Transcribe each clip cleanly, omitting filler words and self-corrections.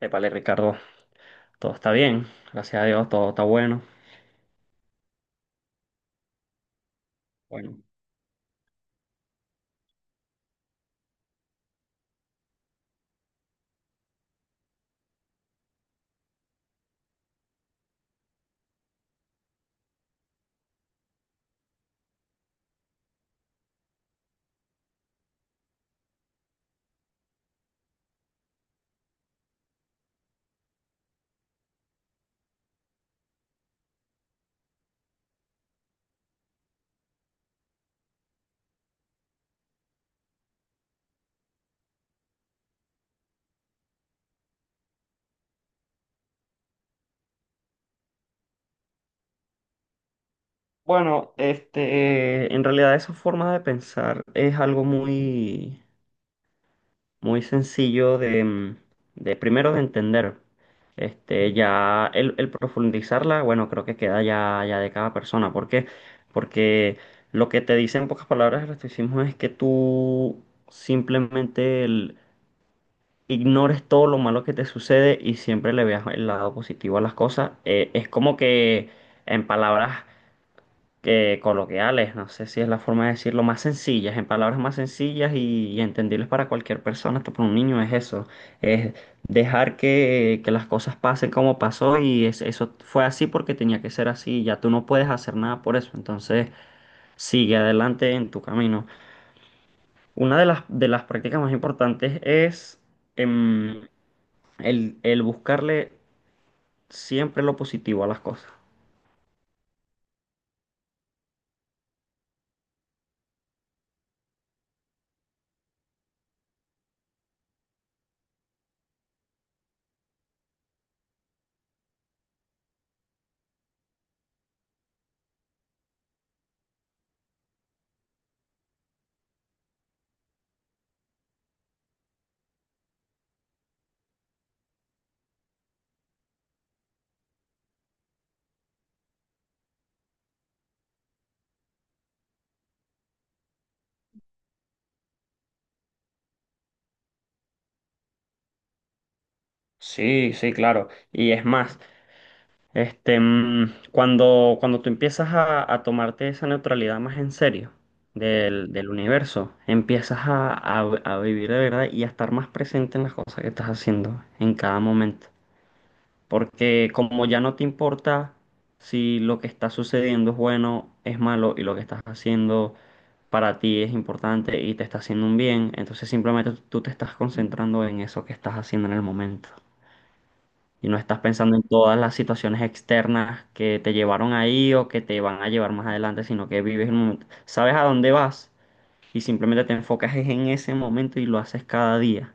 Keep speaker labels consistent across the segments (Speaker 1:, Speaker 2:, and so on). Speaker 1: Épale, Ricardo, todo está bien, gracias a Dios, todo está bueno. Bueno, en realidad esa forma de pensar es algo muy sencillo de primero de entender. Ya el profundizarla, bueno, creo que queda ya de cada persona. ¿Por qué? Porque lo que te dice en pocas palabras el estoicismo es que tú simplemente ignores todo lo malo que te sucede y siempre le veas el lado positivo a las cosas. Es como que en palabras que coloquiales, no sé si es la forma de decirlo, más sencillas, en palabras más sencillas y entendibles para cualquier persona, hasta para un niño es eso, es dejar que las cosas pasen como pasó y eso fue así porque tenía que ser así, ya tú no puedes hacer nada por eso, entonces sigue adelante en tu camino. Una de las prácticas más importantes es em, el buscarle siempre lo positivo a las cosas. Sí, sí, claro. Y es más, cuando tú empiezas a tomarte esa neutralidad más en serio del universo, empiezas a vivir de verdad y a estar más presente en las cosas que estás haciendo en cada momento. Porque como ya no te importa si lo que está sucediendo es bueno, es malo y lo que estás haciendo para ti es importante y te está haciendo un bien, entonces simplemente tú te estás concentrando en eso que estás haciendo en el momento y no estás pensando en todas las situaciones externas que te llevaron ahí o que te van a llevar más adelante, sino que vives el momento, sabes a dónde vas y simplemente te enfocas es en ese momento y lo haces cada día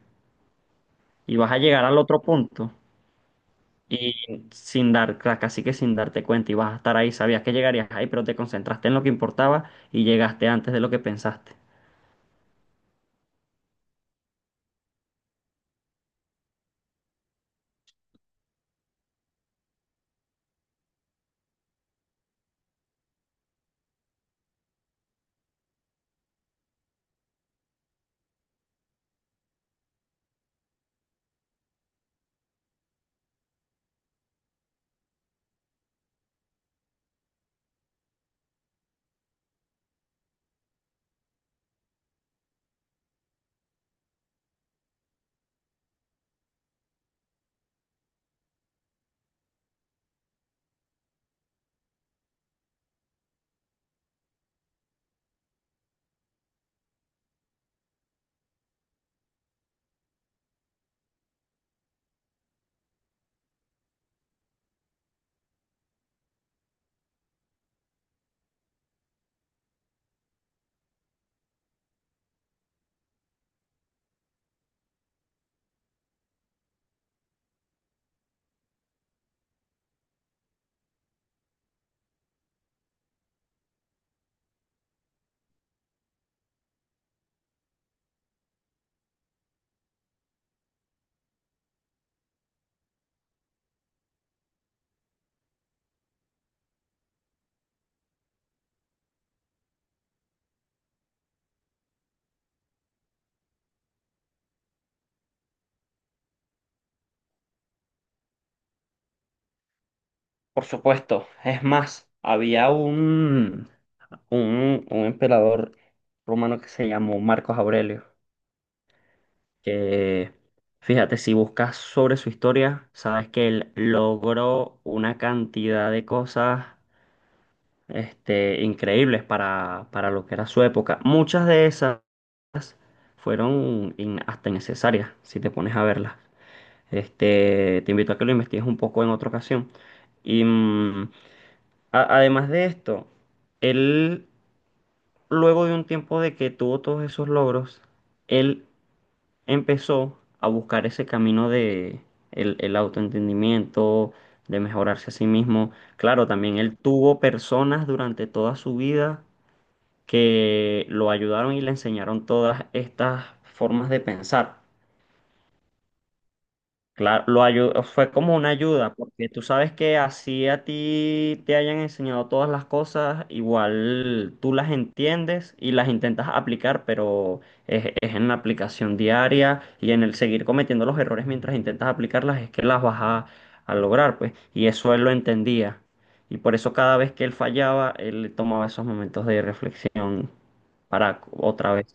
Speaker 1: y vas a llegar al otro punto. Y sin casi que sin darte cuenta, y vas a estar ahí, sabías que llegarías ahí, pero te concentraste en lo que importaba y llegaste antes de lo que pensaste. Por supuesto, es más, había un emperador romano que se llamó Marcos Aurelio, que fíjate, si buscas sobre su historia, sabes que él logró una cantidad de cosas increíbles para lo que era su época. Muchas de esas fueron hasta innecesarias, si te pones a verlas. Te invito a que lo investigues un poco en otra ocasión. Y además de esto, él, luego de un tiempo de que tuvo todos esos logros, él empezó a buscar ese camino de el autoentendimiento, de mejorarse a sí mismo. Claro, también él tuvo personas durante toda su vida que lo ayudaron y le enseñaron todas estas formas de pensar. Claro, fue como una ayuda, porque tú sabes que así a ti te hayan enseñado todas las cosas, igual tú las entiendes y las intentas aplicar, pero es en la aplicación diaria y en el seguir cometiendo los errores mientras intentas aplicarlas es que las vas a lograr, pues. Y eso él lo entendía. Y por eso cada vez que él fallaba, él tomaba esos momentos de reflexión para otra vez.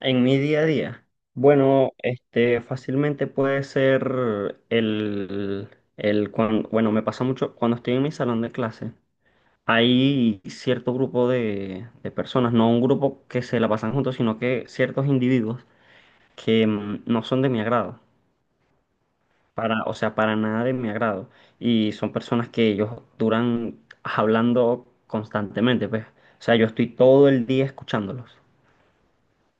Speaker 1: En mi día a día, bueno, fácilmente puede ser bueno, me pasa mucho cuando estoy en mi salón de clase. Hay cierto grupo de personas, no un grupo que se la pasan juntos, sino que ciertos individuos que no son de mi agrado, para, o sea, para nada de mi agrado. Y son personas que ellos duran hablando constantemente, pues. O sea, yo estoy todo el día escuchándolos.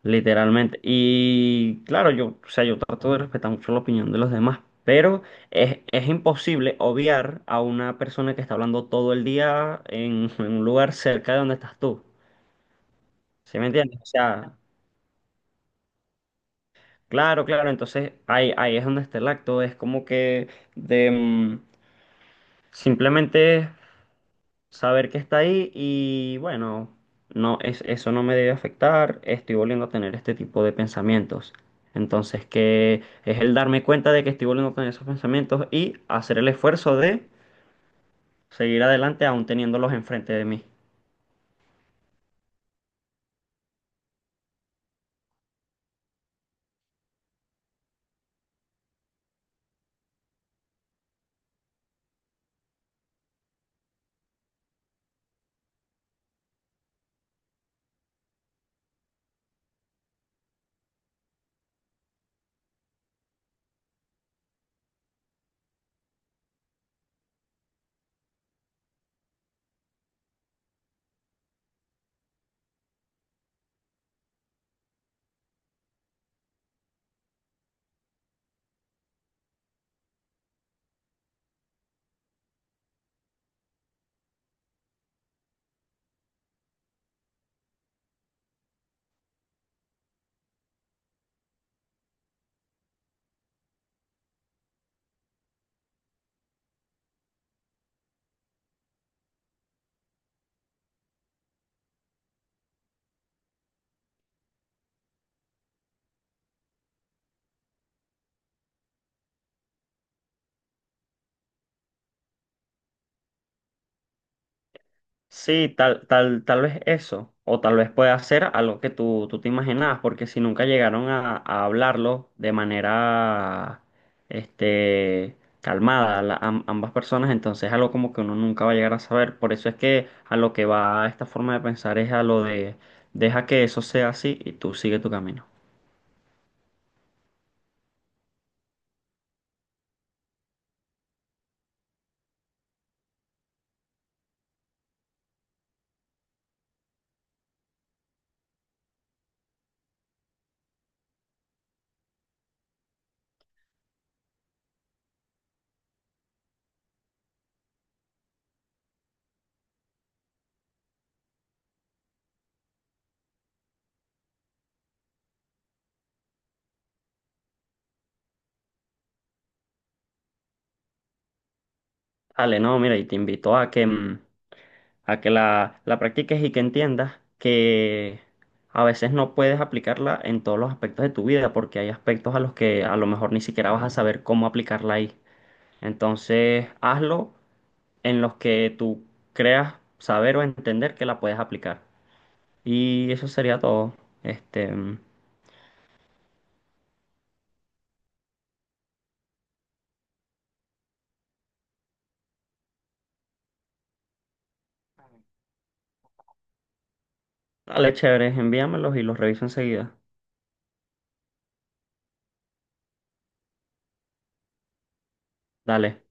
Speaker 1: Literalmente. Y claro, yo, o sea, yo trato de respetar mucho la opinión de los demás, pero es imposible obviar a una persona que está hablando todo el día en un lugar cerca de donde estás tú. ¿Sí me entiendes? O sea, claro, claro. Entonces ahí es donde está el acto. Es como que de mm, simplemente saber que está ahí y bueno, no es eso, no me debe afectar, estoy volviendo a tener este tipo de pensamientos. Entonces, que es el darme cuenta de que estoy volviendo a tener esos pensamientos y hacer el esfuerzo de seguir adelante aún teniéndolos enfrente de mí. Sí, tal vez eso, o tal vez pueda ser algo que tú te imaginabas, porque si nunca llegaron a hablarlo de manera, calmada, ambas personas, entonces es algo como que uno nunca va a llegar a saber. Por eso es que a lo que va esta forma de pensar es a lo de deja que eso sea así y tú sigue tu camino. Dale, no, mira, y te invito a que a que la practiques y que entiendas que a veces no puedes aplicarla en todos los aspectos de tu vida, porque hay aspectos a los que a lo mejor ni siquiera vas a saber cómo aplicarla ahí. Entonces, hazlo en los que tú creas saber o entender que la puedes aplicar. Y eso sería todo. Este, Dale, chévere, envíamelos y los reviso enseguida. Dale.